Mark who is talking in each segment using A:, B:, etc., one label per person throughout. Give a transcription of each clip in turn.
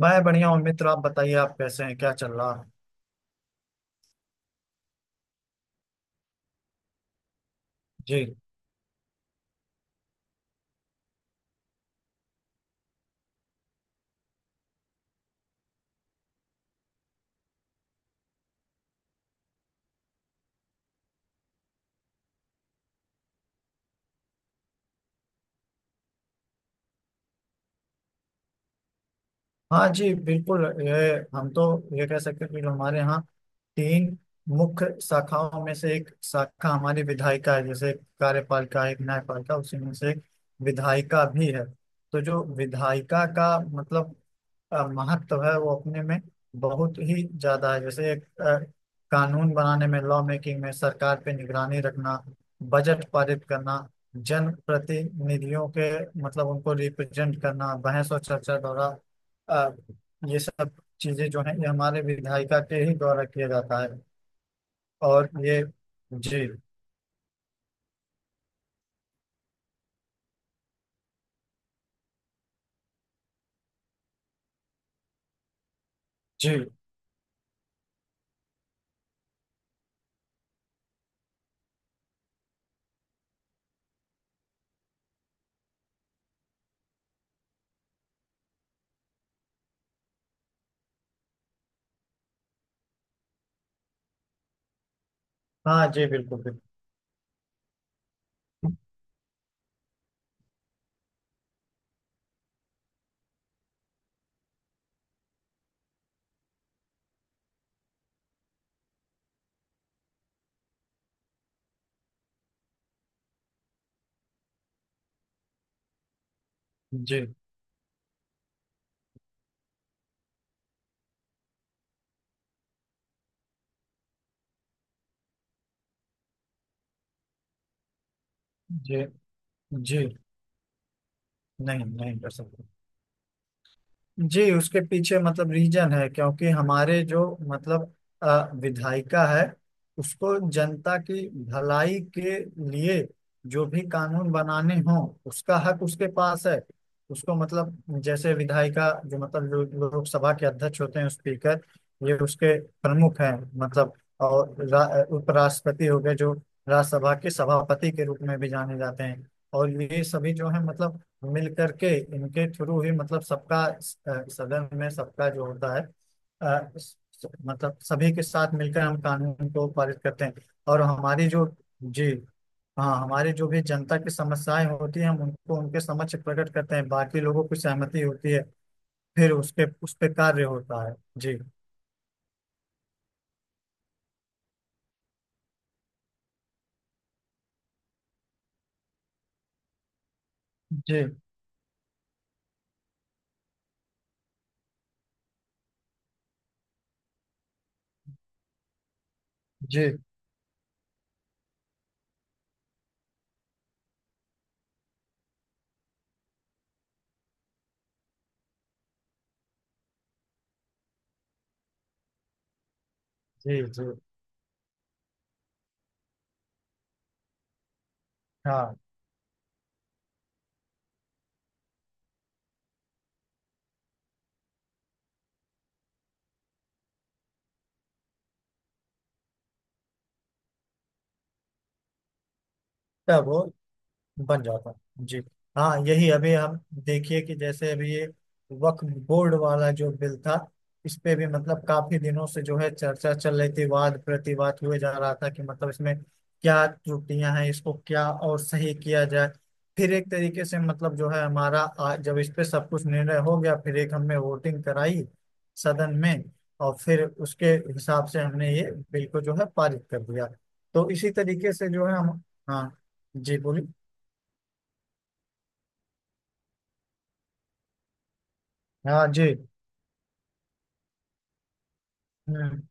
A: मैं बढ़िया हूँ मित्र। आप बताइए, आप कैसे हैं? क्या चल रहा है? जी। हाँ जी, बिल्कुल। ये हम तो ये कह सकते हैं कि जो हमारे यहाँ तीन मुख्य शाखाओं में से एक शाखा हमारी विधायिका है, जैसे एक कार्यपालिका है, एक न्यायपालिका, उसी में से एक विधायिका भी है। तो जो विधायिका का मतलब महत्व है वो अपने में बहुत ही ज्यादा है, जैसे एक कानून बनाने में, लॉ मेकिंग में, सरकार पे निगरानी रखना, बजट पारित करना, जनप्रतिनिधियों के मतलब उनको रिप्रेजेंट करना, बहस और चर्चा द्वारा, अ, ये सब चीजें जो है ये हमारे विधायिका के ही द्वारा किया जाता है। और ये जी जी। हाँ जी, बिल्कुल बिल्कुल। जी जी जी। नहीं, नहीं कर सकते। जी, उसके पीछे मतलब रीजन है, क्योंकि हमारे जो मतलब विधायिका है उसको जनता की भलाई के लिए जो भी कानून बनाने हों उसका हक उसके पास है। उसको मतलब, जैसे विधायिका, जो मतलब लोकसभा के अध्यक्ष होते हैं, स्पीकर, ये उसके प्रमुख हैं। मतलब और उपराष्ट्रपति हो गए जो राज्यसभा के सभापति के रूप में भी जाने जाते हैं। और ये सभी जो है मतलब मिल करके, इनके थ्रू ही मतलब सबका सदन में सबका जो होता है, अ, स- मतलब सभी के साथ मिलकर हम कानून को पारित करते हैं, और हमारी जो जी हाँ। हमारी जो भी जनता की समस्याएं होती हैं हम उनको उनके समक्ष प्रकट करते हैं, बाकी लोगों की सहमति होती है, फिर उसके उस पे कार्य होता है जी जी जी जी जी हाँ। तब बन जाता है जी। हाँ, यही अभी हम देखिए कि जैसे अभी ये वक्फ बोर्ड वाला जो बिल था, इस पे भी मतलब काफी दिनों से जो है चर्चा चल रही थी, वाद प्रतिवाद हुए जा रहा था कि मतलब इसमें क्या त्रुटियां हैं, इसको क्या और सही किया जाए। फिर एक तरीके से मतलब जो है हमारा जब इस पे सब कुछ निर्णय हो गया फिर एक हमने वोटिंग कराई सदन में, और फिर उसके हिसाब से हमने ये बिल को जो है पारित कर दिया। तो इसी तरीके से जो है हम। हाँ जी, बोलिए। हाँ जी। हम्म,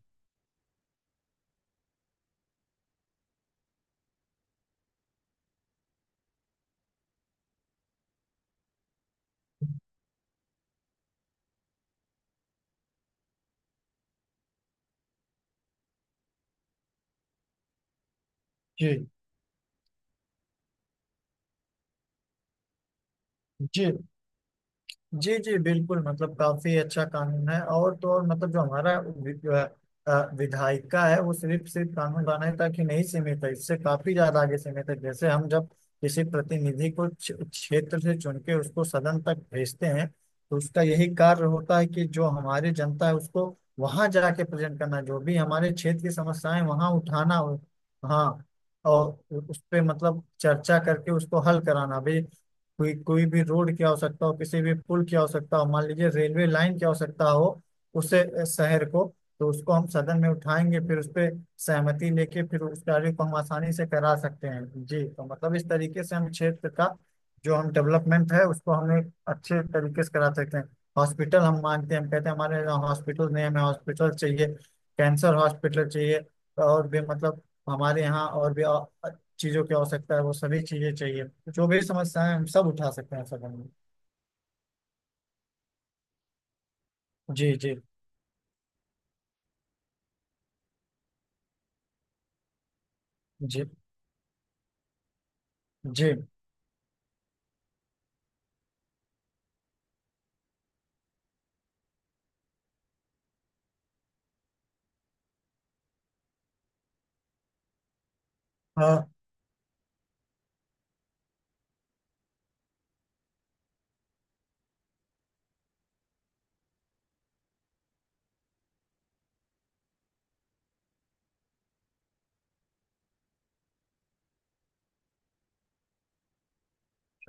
A: जी। जी जी जी बिल्कुल। मतलब काफी अच्छा कानून है, और तो और मतलब जो हमारा विधायिका है वो सिर्फ सिर्फ कानून बनाने तक ही नहीं सीमित है, इससे काफी ज्यादा आगे सीमित है। जैसे हम जब किसी प्रतिनिधि को क्षेत्र से चुन के उसको सदन तक भेजते हैं, तो उसका यही कार्य होता है कि जो हमारी जनता है उसको वहां जाके प्रेजेंट करना, जो भी हमारे क्षेत्र की समस्याएं वहां उठाना हो। हाँ, और उस पे मतलब चर्चा करके उसको हल कराना भी, कोई कोई भी रोड की आवश्यकता हो, किसी भी पुल की आवश्यकता हो, मान लीजिए रेलवे लाइन की आवश्यकता हो, उससे शहर को, तो उसको हम सदन में उठाएंगे, फिर उस पे सहमति लेके फिर उस कार्य को हम आसानी से करा सकते हैं जी। तो मतलब इस तरीके से हम क्षेत्र का जो हम डेवलपमेंट है उसको हमें अच्छे तरीके से करा सकते हैं। हॉस्पिटल, हम मानते हैं, हम कहते हैं हमारे यहाँ हॉस्पिटल नहीं, हमें हॉस्पिटल चाहिए, कैंसर हॉस्पिटल चाहिए, और भी मतलब हमारे यहाँ और भी चीजों की आवश्यकता है, वो सभी चीजें चाहिए, जो भी समस्याएं हम सब उठा सकते हैं सदन में। जी जी जी जी हाँ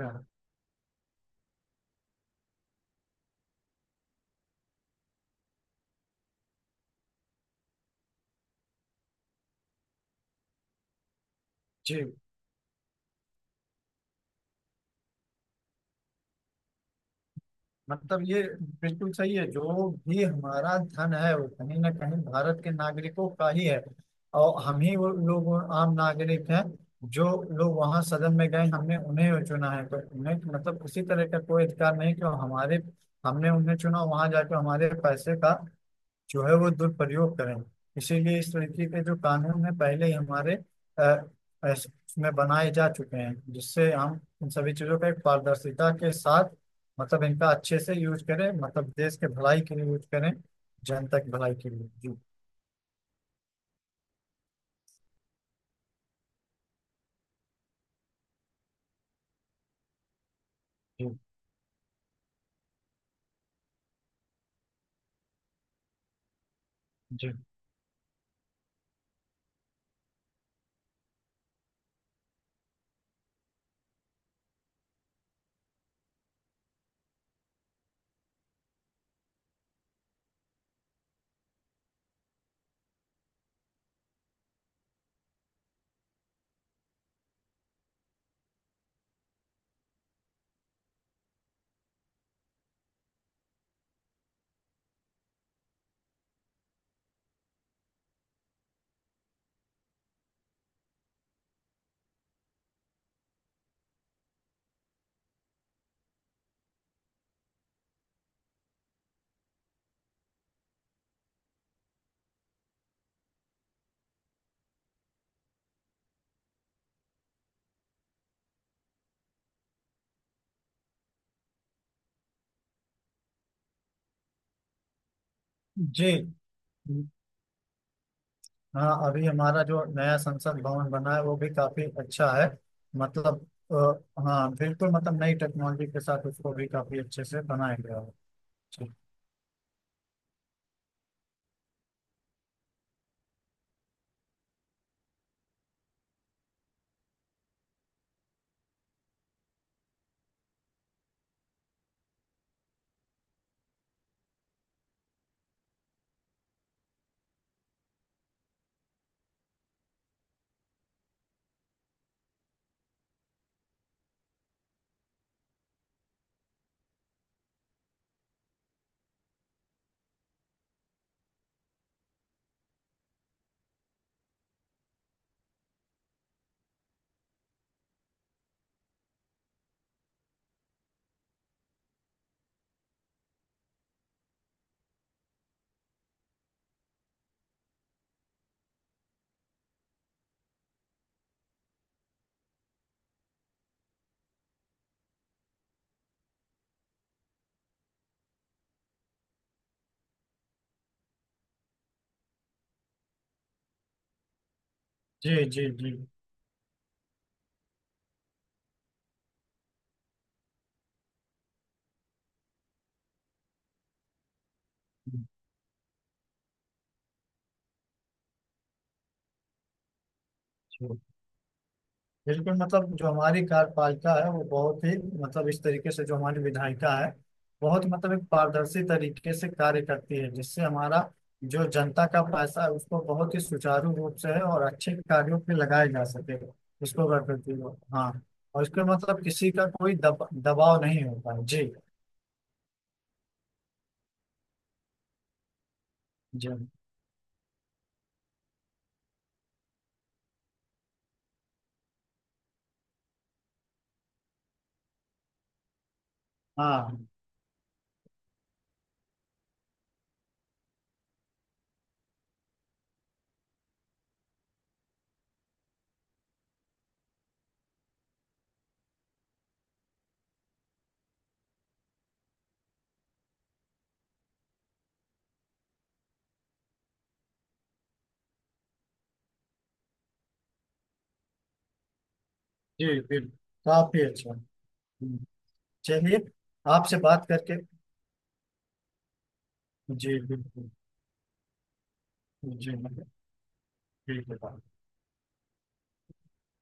A: हाँ, जी। मतलब ये बिल्कुल सही है, जो भी हमारा धन है वो कहीं ना कहीं भारत के नागरिकों का ही है, और हम ही वो लोग, वो आम नागरिक हैं जो लोग वहां सदन में गए हमने उन्हें चुना है, तो उन्हें मतलब किसी तरह का कोई अधिकार नहीं कि वो हमारे, हमने उन्हें चुना वहां जाकर हमारे पैसे का जो है वो दुरुपयोग करें। इसीलिए इस तरीके के जो कानून है पहले ही हमारे उसमें बनाए जा चुके हैं, जिससे हम इन सभी चीजों का एक पारदर्शिता के साथ मतलब इनका अच्छे से यूज करें, मतलब देश के भलाई के लिए यूज करें, जनता की भलाई के लिए जी। जी जी जी हाँ। अभी हमारा जो नया संसद भवन बना है वो भी काफी अच्छा है, मतलब हाँ बिल्कुल, मतलब नई टेक्नोलॉजी के साथ उसको भी काफी अच्छे से बनाया गया है। जी जी जी जी। तो बिल्कुल मतलब जो हमारी कार्यपालिका है वो बहुत ही मतलब इस तरीके से जो हमारी विधायिका है बहुत मतलब एक पारदर्शी तरीके से कार्य करती है, जिससे हमारा जो जनता का पैसा है उसको बहुत ही सुचारू रूप से है और अच्छे कार्यों पे लगाया जा सके। उसको कर करती हो हाँ। और इसके मतलब किसी का कोई दबाव नहीं होता है। जी जी हाँ जी बिल्कुल, काफी अच्छा। हम्म, चलिए। आपसे बात करके जी बिल्कुल। जी मतलब ठीक है।